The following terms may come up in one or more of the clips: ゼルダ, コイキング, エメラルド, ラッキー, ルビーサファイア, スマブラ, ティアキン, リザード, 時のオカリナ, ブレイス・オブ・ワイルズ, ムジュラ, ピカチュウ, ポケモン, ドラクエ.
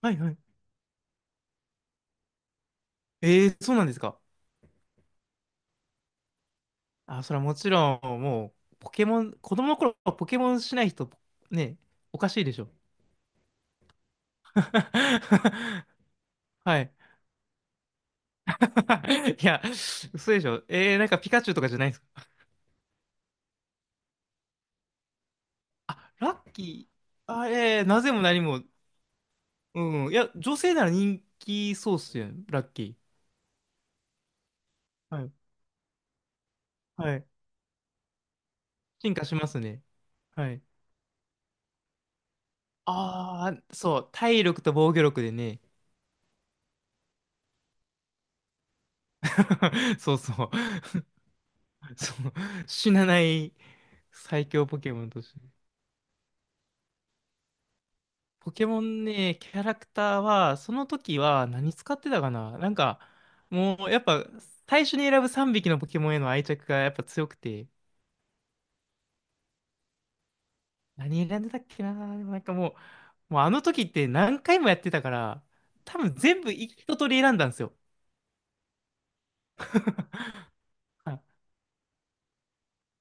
はいはい。ええ、そうなんですか。あ、それはもちろん、もう、ポケモン、子供の頃はポケモンしない人、ね、おかしいでしょ。はい。いや、嘘でしょ。なんかピカチュウとかじゃないんですか。あ、ラッキー。あ、なぜも何も。うん。いや、女性なら人気そうっすよね、ラッキー。はい。はい。進化しますね。はい。ああ、そう。体力と防御力でね。そうそう。そう。死なない。最強ポケモンとして。ポケモンね、キャラクターは、その時は何使ってたかな、もうやっぱ、最初に選ぶ3匹のポケモンへの愛着がやっぱ強くて、何選んでたっけな。でもう、もうあの時って何回もやってたから、多分全部一通り選んだんですよ。はい。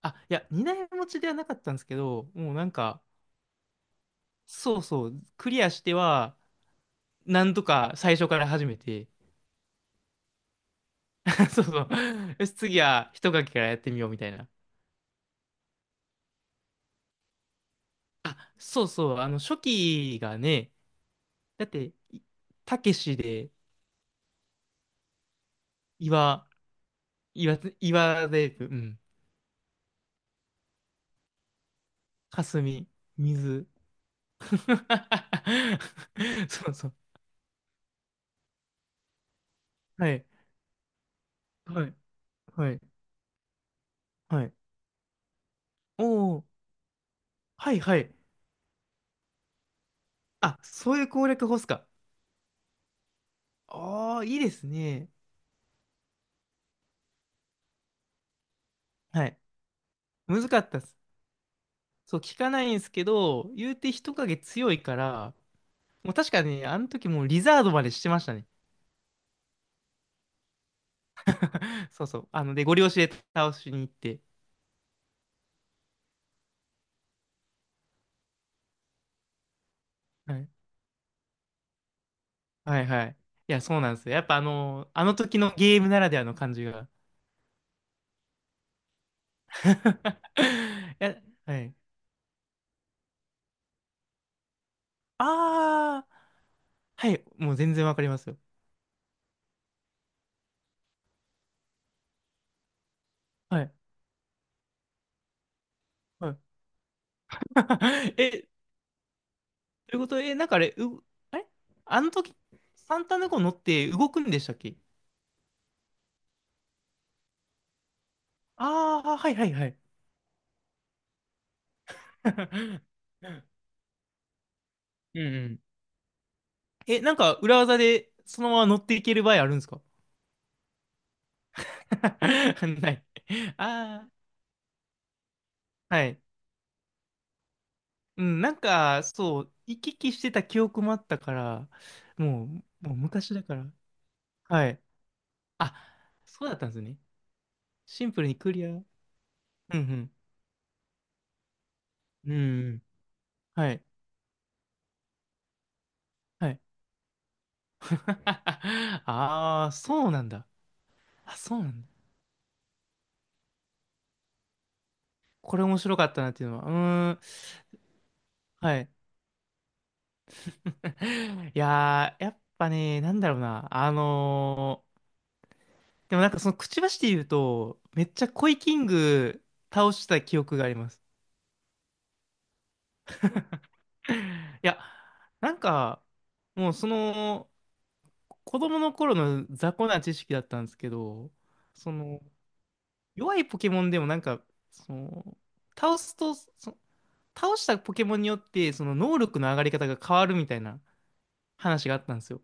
あ、いや、二台持ちではなかったんですけど、もうなんか、そうそう、クリアしては、なんとか最初から始めて、そうそう、よし、次は一書きからやってみようみたいな。あ、そうそう、あの、初期がね、だって、いたけしで、岩、岩、岩で、うん、かすみ、水。そうそう。はい、はい、はい、はい。おー、はい、はい。あ、そういう攻略法っすか。ああ、いいですね。はい。難かったっす。そう、聞かないんですけど、言うて人影強いから、もう確かにね、あの時もうリザードまでしてましたね。そうそう。あの、で、ゴリ押しで倒しに行って。はいはいはい。いや、そうなんですよ。やっぱあの、あの時のゲームならではの感じが。いや、はい。ああ、はい。もう全然わかりますよ。はい。はい。え、ということで、え、なんかあれ、う、あれ、あの時、サンタネコ乗って動くんでしたっけ？ああー、はいはいはい。うんうん。え、なんか裏技でそのまま乗っていける場合あるんですか？ ない。ああ、はい。うん、なんか、そう、行き来してた記憶もあったから、もう、もう昔だから。はい。あ、そうだったんですね。シンプルにクリア。うんうん。うんうん。はい。はい。ああ、そうなんだ。あ、そうなんだ。これ面白かったなっていうのは。うーん。はい。いやー、やっぱね、なんだろうな。でもなんかそのくちばしで言うと、めっちゃコイキング倒した記憶があります。いや、なんか、もうその、子供の頃の雑魚な知識だったんですけど、その、弱いポケモンでもなんか、その、倒すと、そ倒したポケモンによって、その能力の上がり方が変わるみたいな話があったんですよ。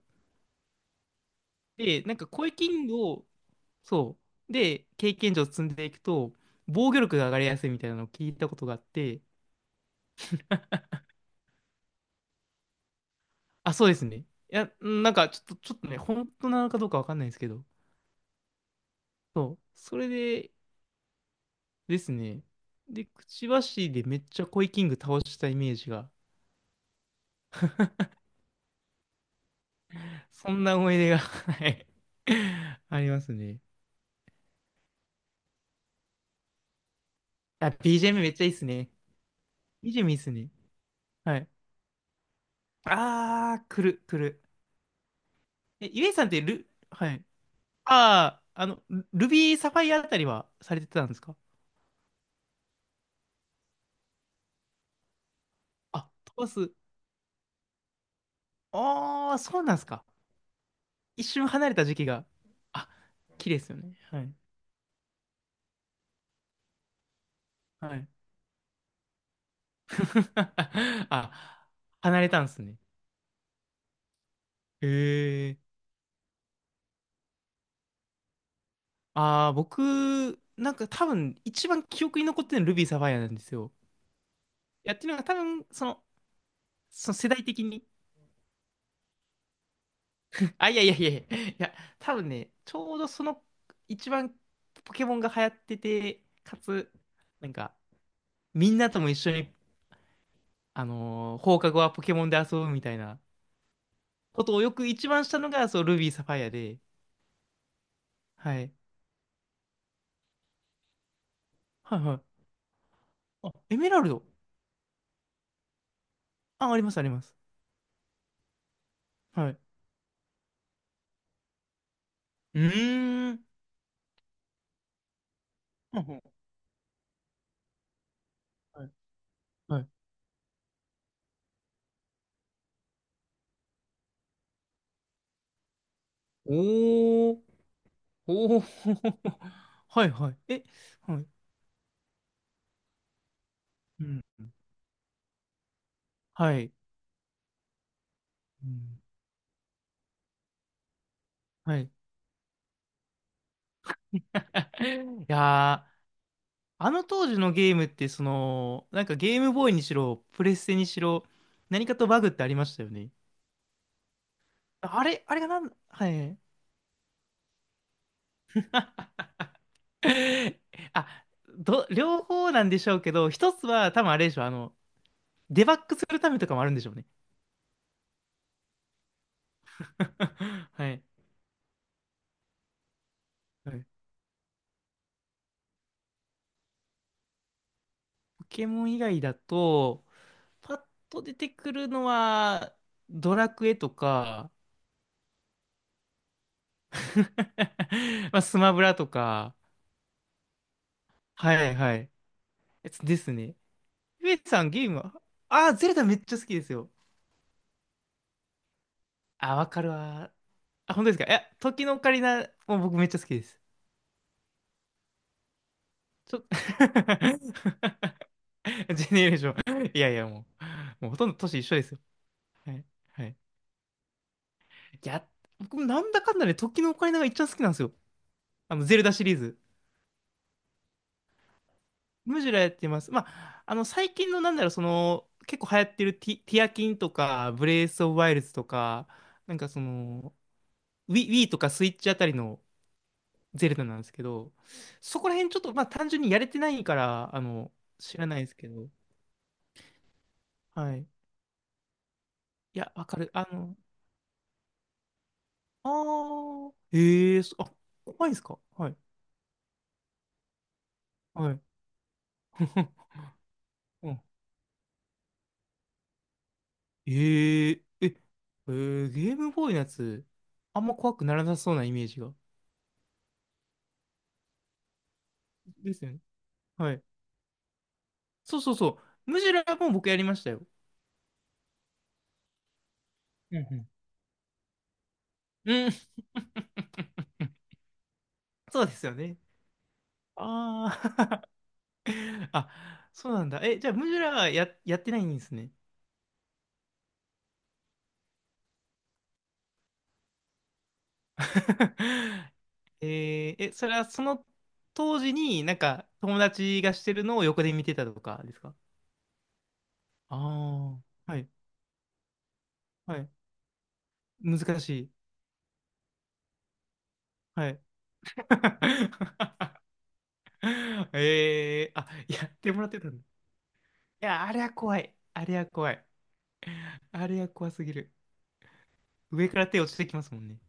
で、なんか、声キングを、そう、で、経験値を積んでいくと、防御力が上がりやすいみたいなのを聞いたことがあって、あ、そうですね。いや、なんか、ちょっと、ちょっとね、本当なのかどうかわかんないんですけど、そう。それでですね。で、くちばしでめっちゃコイキング倒したイメージが、そんな思い出が、はい、ありますね。あ、BGM めっちゃいいっすね。BGM いいっすね。はい。あー、来る、来る。え、ゆえさんってル、はい。あー、あの、ビーサファイアあたりはされてたんですか？あ、飛ばす。あー、そうなんですか。一瞬離れた時期が。あ、綺麗ですよね。はい。はい。あ、離れたんですね。へえ。ああ、僕、なんか多分一番記憶に残ってるのルビーサファイアなんですよ。いや、っていうのが多分、その、その世代的に。あ、いやいやいやいや、いや、多分ね、ちょうどその一番ポケモンが流行ってて、かつ、なんか、みんなとも一緒に、あのー放課後はポケモンで遊ぶみたいなことをよく一番したのが、そう、ルビーサファイアで、はい。はいはい。あ、エメラルド。あ、ありますあります。はい。うーん。はいはい。はい。おー。おお。はいはい。え、はい。うん。はい。うん。はい。いやー、あの当時のゲームって、その、なんかゲームボーイにしろ、プレステにしろ、何かとバグってありましたよね。あれ、あれがなん、はい。あ、ど、両方なんでしょうけど、一つは多分あれでしょう、あの、デバッグするためとかもあるんでしょうね。はい。はい。ポケモン以外だと、パッと出てくるのは、ドラクエとか、まあ、スマブラとか、はいはい。やつですね。ゆえさんゲームは、ああ、ゼルダめっちゃ好きですよ。あ、わかるわ。あ、本当ですか？いや、時のオカリナも僕めっちゃ好きです。ちょ、ジェネレーション。いやいや、もう、もうほとんど年一緒ですよ。はい。はい。いや、僕もなんだかんだで時のオカリナが一番好きなんですよ。あの、ゼルダシリーズ。むしろやってます。まあ、あの、最近のなんだろう、その、結構流行ってるティアキンとか、ブレイス・オブ・ワイルズとか、なんかその、Wii とかスイッチあたりのゼルダなんですけど、そこら辺ちょっと、まあ、単純にやれてないから、あの、知らないですけど、はい。いや、わかる。あの、ああ、ええそあ、怖いですか？はい。はい。うん、えええーゲームボーイのやつ、あんま怖くならなさそうなイメージが。ですよね。はい。そうそうそう。ムジュラも僕やりましたよ。うんううん。そうですよね。ああ。あ、そうなんだ。え、じゃあ、ムジュラはやってないんですね。えー、え、それはその当時になんか友達がしてるのを横で見てたとかですか？ああー、はい、はい。難しい。はい。えー、あ、やってもらってたんだ。いや、あれは怖い。あれは怖い。あれは怖すぎる。上から手落ちてきますもんね。